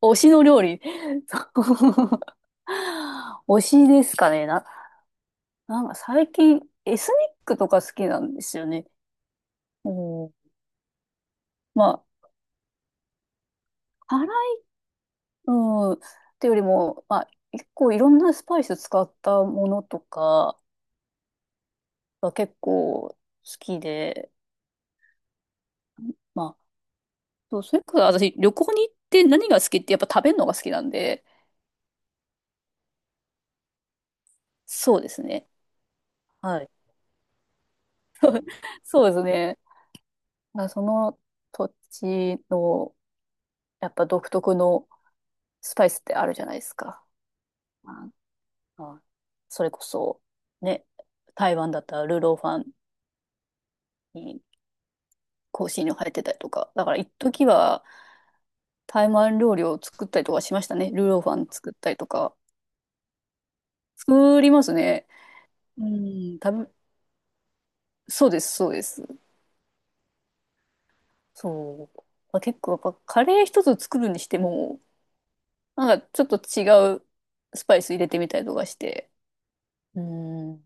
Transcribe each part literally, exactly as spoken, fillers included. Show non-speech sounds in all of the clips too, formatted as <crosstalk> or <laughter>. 推しの料理。<laughs> そう推しですかね。な、なんか最近エスニックとか好きなんですよね。うん、まあ、辛い、うん、ってよりも、まあ、結構いろんなスパイス使ったものとかが結構好きで、まあ、そうそれから私旅行に行って何が好きってやっぱ食べるのが好きなんで、そうですね。はい。そうですね。まあその土地のやっぱ独特のスパイスってあるじゃないですか。ああそれこそ、ね、台湾だったらルーローファンに香辛料入ってたりとか。だから一時は台湾料理を作ったりとかしましたね。ルーローファン作ったりとか。作りますね。うん、食べ、そうです、そうです。そう。まあ、結構やっぱカレー一つ作るにしても、なんかちょっと違うスパイス入れてみたりとかして。うん、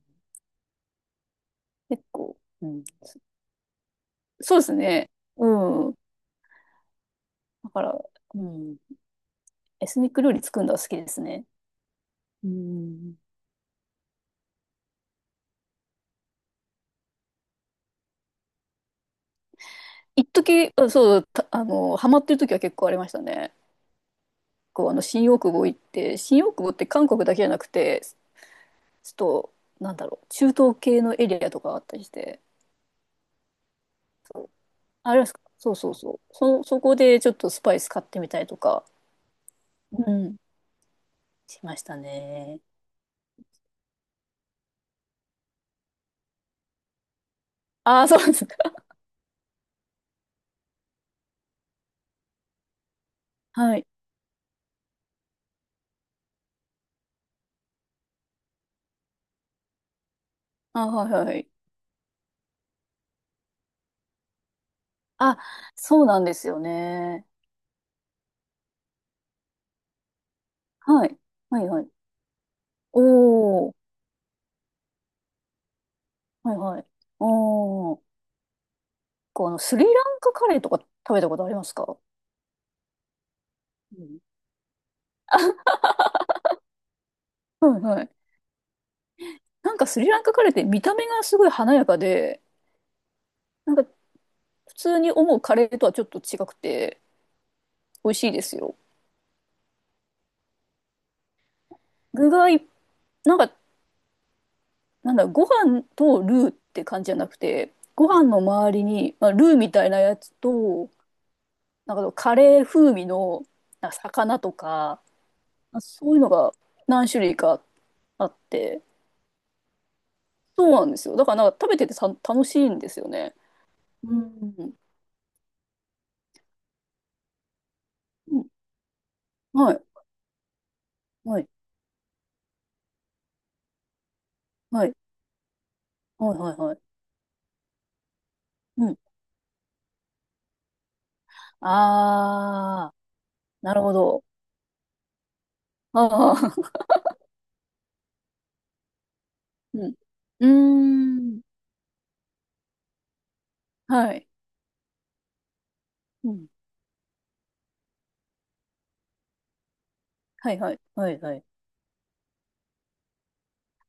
結構、うん、そうですね。うん。だから、うん。エスニック料理作るのが好きですね。うん。一時、あそう、たあの、ハマってる時は結構ありましたね。こう、あの、新大久保行って、新大久保って韓国だけじゃなくて、ちょっと、なんだろう、中東系のエリアとかあったりして、そう、あれですか、そうそうそう、そ、そこでちょっとスパイス買ってみたりとか、うん、しましたね。ああ、そうですか。<laughs> はい。あ、はいはい。あ、そうなんですよね。はい。はいはい。おー、はいはい。おー。構あの、スリランカカレーとか食べたことありますか？うんはいはい。なんかスリランカカレーって見た目がすごい華やかで、なんか普通に思うカレーとはちょっと違くて美味しいですよ。具がい、なんか、なんだろう、ご飯とルーって感じじゃなくて、ご飯の周りに、まあ、ルーみたいなやつと、なんかカレー風味のなんか魚とか、まあそういうのが何種類かあって、そうなんですよ。だからなんか食べててさ楽しいんですよね。うんうん、はい。はい、はい、はい、はい、はい。うん。あー、なるほど。<laughs> あー、<laughs> うん。うーん。はい。うん。はい、はい、はい、はい。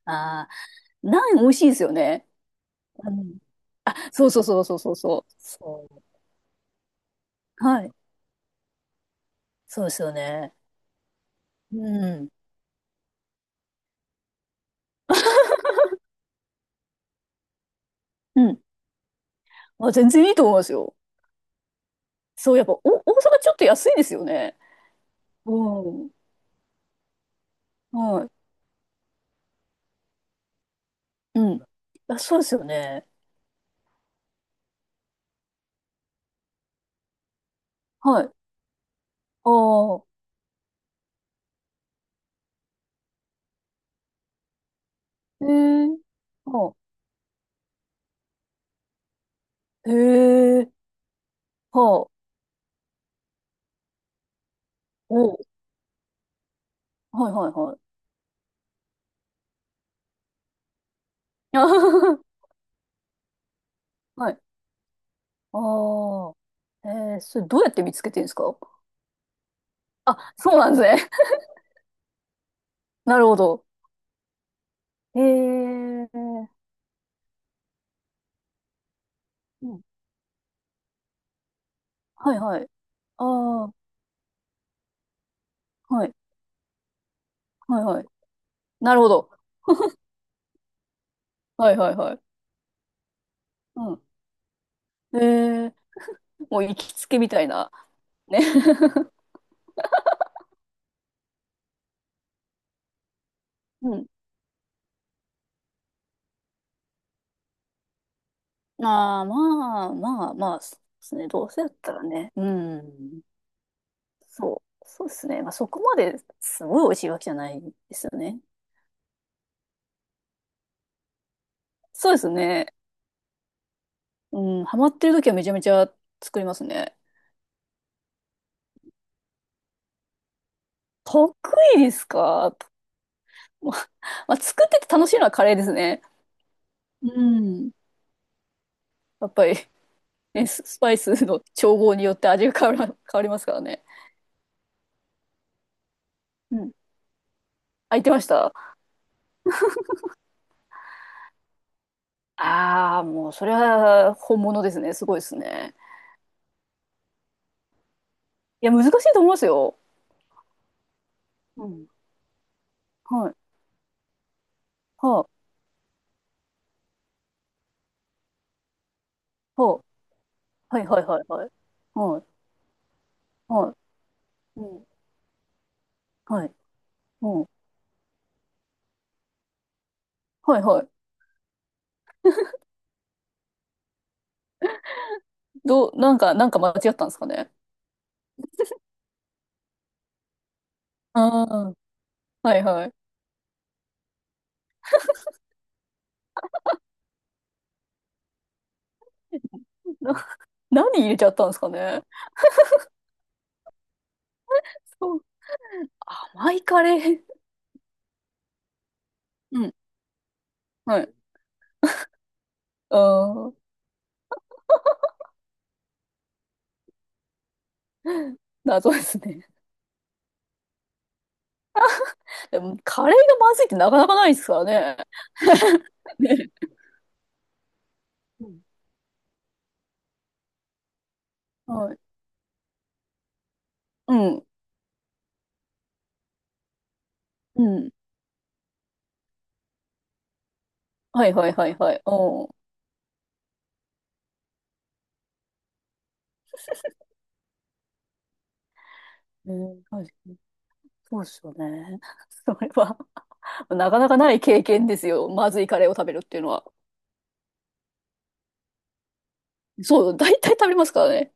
あー、ナン美味しいですよね。うん。そうそうそうそうそうそう。そう。はい。そうですよね。うん。うん。あ、全然いいと思いますよ。そう、やっぱ、お、大阪ちょっと安いですよね。うん。はい。うん。あ、そうですよね。はい。ああ、へえ、ああ、へえ、はあ。おう、はいはいはい。<laughs> あはははい。ああ。えー、それどうやって見つけてるんですか？あ、そうなんですね。<laughs> なるほど。えー、うん。はいはい。ああ、はい。はいはい。なるほど。はいはいはい。うん。えー、もう行きつけみたいな。ね。<laughs> うん。ああ、まあまあまあ、そうですね。どうせだったらね。うん。そう。そうですね。まあそこまですごい美味しいわけじゃないですよね。そうですね。うん、ハマってる時はめちゃめちゃ作りますね。得意ですか？ <laughs> まあ、作ってて楽しいのはカレーですね。うん。やっぱり、ね、ススパイスの調合によって味が変わら、変わりますからね。うん。あ、言ってました？ああー、もう、それは本物ですね。すごいですね。いや、難しいと思いますよ。うん。はい。はあ、はあ、はいはいはいはい。はい、はい。うん。はい。うん。はいはい。どう、なんか、なんか間違ったんですかね。ああ、はいはい。何入れちゃったんですかね。そう、甘いカレー。うん。はい。うーん。謎ですね。<laughs> でも、カレーがまずいってなかなかないですからね。ね。うん。<laughs> はい。うん。うん。はいはいはいはい。うん。<laughs> うん、確かにそうですよね。<laughs> それは <laughs> なかなかない経験ですよ。まずいカレーを食べるっていうのは。そう、大体食べますからね。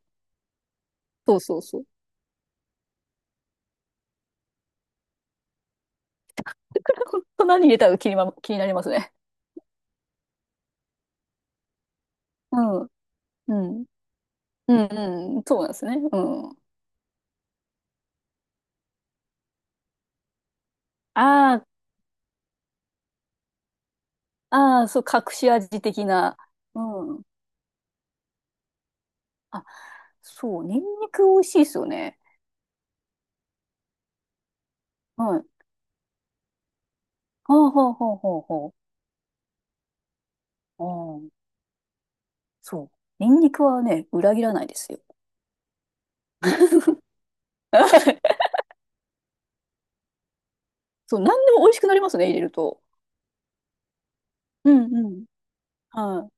そうそうそう。だから本当何入れたか気にま、気になりますね。うん。うん。うんうん。そうなんですね。うん。ああ、ああ、そう、隠し味的な。うん。あ、そう、ニンニク美味しいですよね。はい。ほうほうほうほうほう。うん。そう。ニンニクはね、裏切らないですよ。<laughs> そう、何でも美味しくなりますね、入れると。うんうん。はい。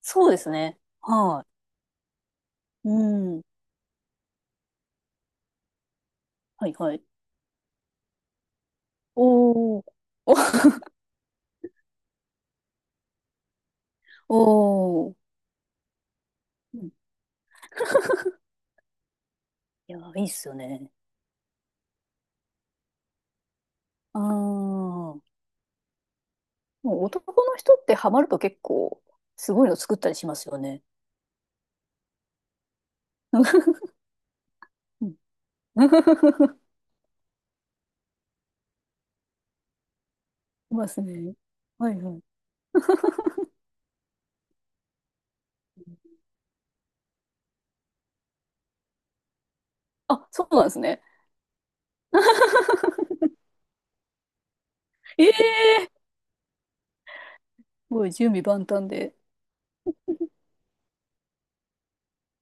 そうですね。はい。うん。はいはい。おー。<laughs> おお。うんいや、いいっすよね。ああ。もう男の人ってハマると結構、すごいの作ったりしますよね。<laughs> <laughs> いますね。はいはい。あ、そうなんですね。ええすごい準備万端で。